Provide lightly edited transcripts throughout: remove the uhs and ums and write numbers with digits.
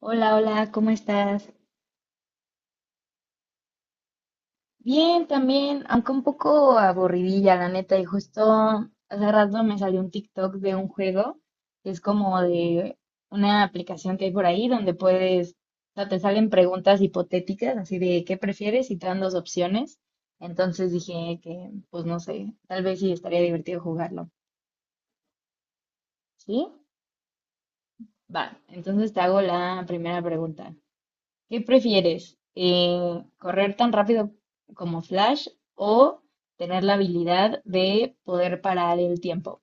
Hola, hola, ¿cómo estás? Bien, también, aunque un poco aburridilla, la neta, y justo hace rato me salió un TikTok de un juego que es como de una aplicación que hay por ahí donde puedes, o sea, te salen preguntas hipotéticas, así de qué prefieres y te dan dos opciones. Entonces dije que, pues no sé, tal vez sí estaría divertido jugarlo. ¿Sí? Va, entonces te hago la primera pregunta. ¿Qué prefieres? ¿Correr tan rápido como Flash o tener la habilidad de poder parar el tiempo?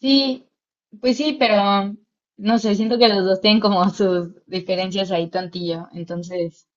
Sí, pues sí, pero no sé, siento que los dos tienen como sus diferencias ahí tontillo. Entonces,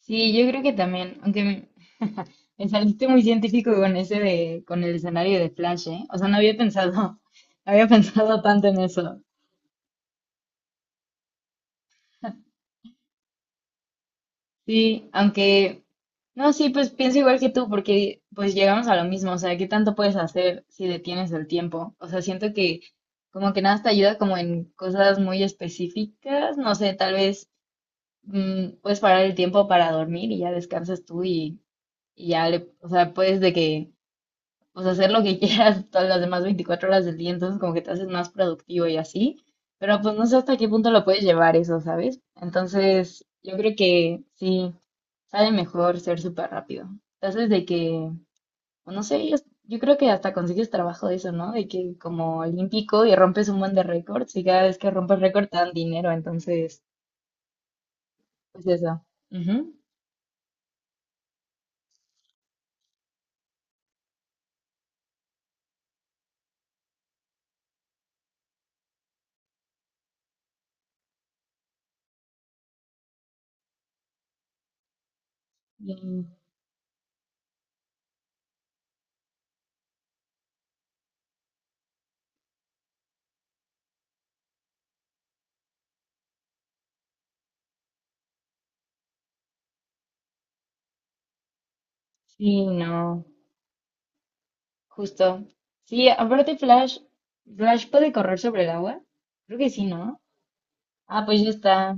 sí, yo creo que también, me saliste muy científico con con el escenario de Flash, ¿eh? O sea, no había pensado, no había pensado tanto en eso. Sí, aunque, no, sí, pues pienso igual que tú, porque pues llegamos a lo mismo, o sea, ¿qué tanto puedes hacer si detienes el tiempo? O sea, siento que como que nada te ayuda como en cosas muy específicas, no sé, tal vez puedes parar el tiempo para dormir y ya descansas tú y, o sea, pues hacer lo que quieras todas las demás 24 horas del día, entonces como que te haces más productivo y así, pero pues no sé hasta qué punto lo puedes llevar eso, ¿sabes? Entonces, yo creo que sí. Sale mejor ser súper rápido. Entonces, de que, o no sé, yo creo que hasta consigues trabajo de eso, ¿no? De que como olímpico y rompes un buen de récords y cada vez que rompes récord te dan dinero, entonces, pues eso. Ujú. Y- Sí, no, justo. Sí, aparte Flash puede correr sobre el agua. Creo que sí, ¿no? Ah, pues ya está.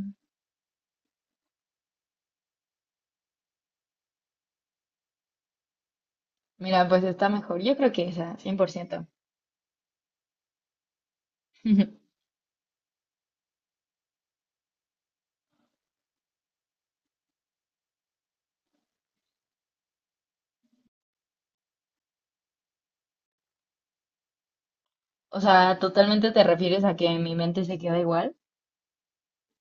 Mira, pues está mejor. Yo creo que esa, 100%. O sea, totalmente te refieres a que mi mente se queda igual.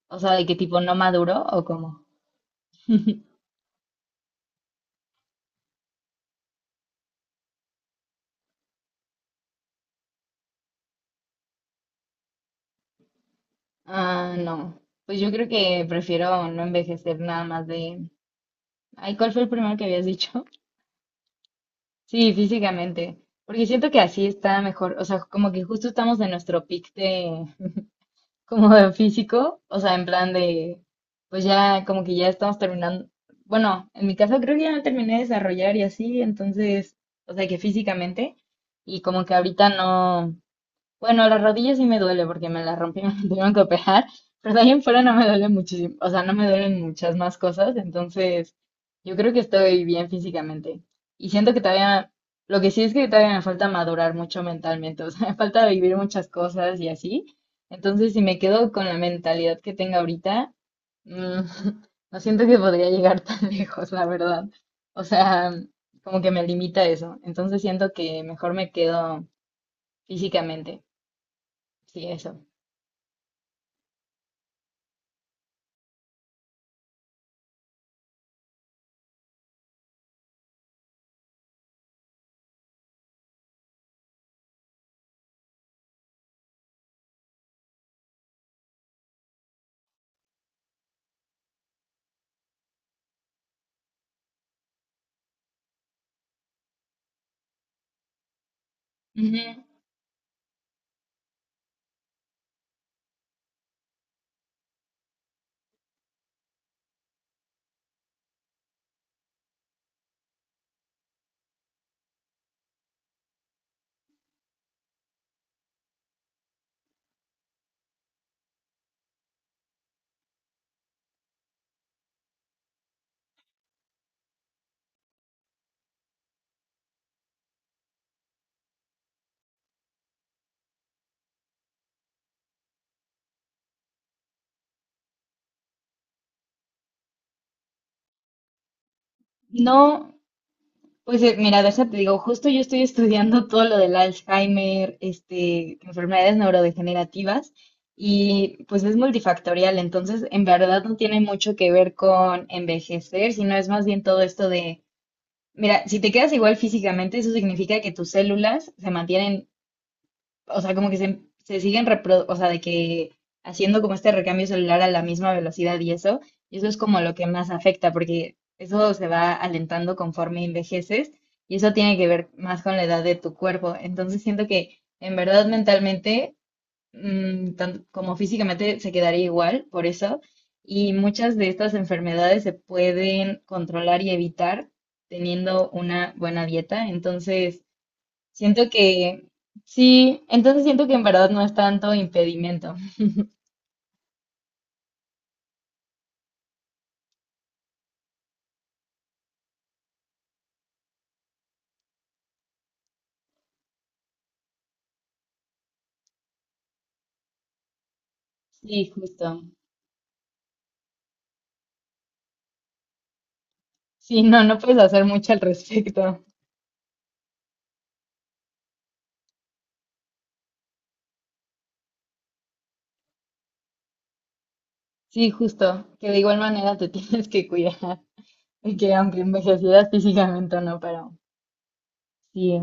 O sea, de qué tipo no maduro o cómo. Ah, no. Pues yo creo que prefiero no envejecer nada más de. Ay, ¿cuál fue el primero que habías dicho? Sí, físicamente. Porque siento que así está mejor. O sea, como que justo estamos en nuestro pic de como de físico. O sea, en plan de. Pues ya, como que ya estamos terminando. Bueno, en mi caso creo que ya no terminé de desarrollar y así, entonces, o sea, que físicamente. Y como que ahorita no. Bueno, las rodillas sí me duele porque me las rompí, me tuvieron que operar, pero de ahí en fuera no me duele muchísimo, o sea, no me duelen muchas más cosas, entonces yo creo que estoy bien físicamente. Y siento que todavía, lo que sí es que todavía me falta madurar mucho mentalmente, o sea, me falta vivir muchas cosas y así. Entonces, si me quedo con la mentalidad que tengo ahorita, mm, no siento que podría llegar tan lejos, la verdad. O sea, como que me limita eso. Entonces siento que mejor me quedo físicamente, sí, eso. Ujú. No, pues mira, de esa te digo, justo yo estoy estudiando todo lo del Alzheimer, este, enfermedades neurodegenerativas, y pues es multifactorial, entonces en verdad no tiene mucho que ver con envejecer, sino es más bien todo esto de, mira, si te quedas igual físicamente, eso significa que tus células se mantienen o sea, como que se siguen, repro- o sea, de que haciendo como este recambio celular a la misma velocidad y eso es como lo que más afecta, porque eso se va alentando conforme envejeces y eso tiene que ver más con la edad de tu cuerpo. Entonces siento que en verdad mentalmente, como físicamente, se quedaría igual por eso. Y muchas de estas enfermedades se pueden controlar y evitar teniendo una buena dieta. Entonces, siento que, sí, entonces siento que en verdad no es tanto impedimento. Sí, justo. Sí, no, no puedes hacer mucho al respecto. Sí, justo, que de igual manera te tienes que cuidar, y que aunque envejecieras físicamente o no, pero sí,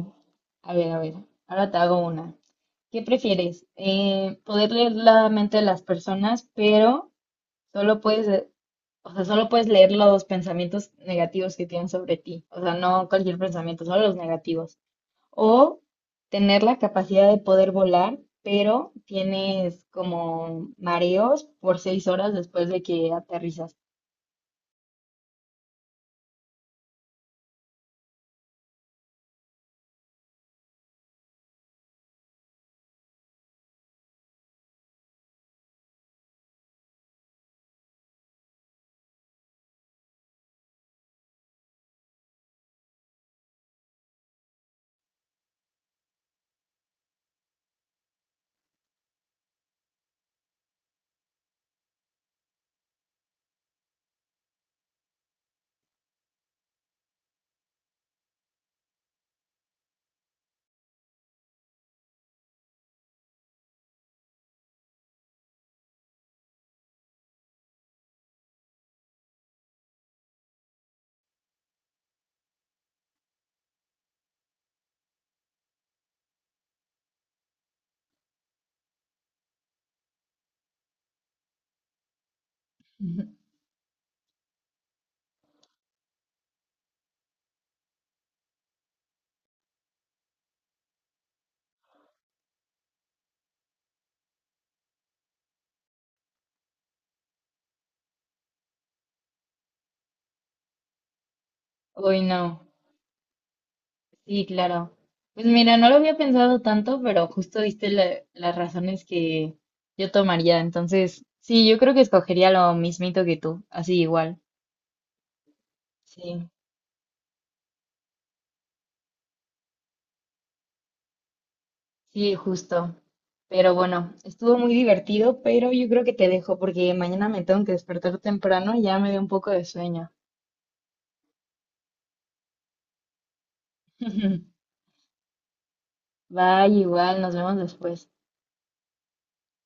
a ver, ahora te hago una. ¿Qué prefieres? Poder leer la mente de las personas, pero solo puedes, o sea, solo puedes leer los pensamientos negativos que tienen sobre ti, o sea, no cualquier pensamiento, solo los negativos. O tener la capacidad de poder volar, pero tienes como mareos por 6 horas después de que aterrizas. Uy, no. Sí, claro. Pues mira, no lo había pensado tanto, pero justo diste las razones que yo tomaría. Entonces, sí, yo creo que escogería lo mismito que tú, así igual. Sí, sí, justo. Pero bueno, estuvo muy divertido, pero yo creo que te dejo porque mañana me tengo que despertar temprano y ya me dio un poco de sueño. Bye, igual, nos vemos después.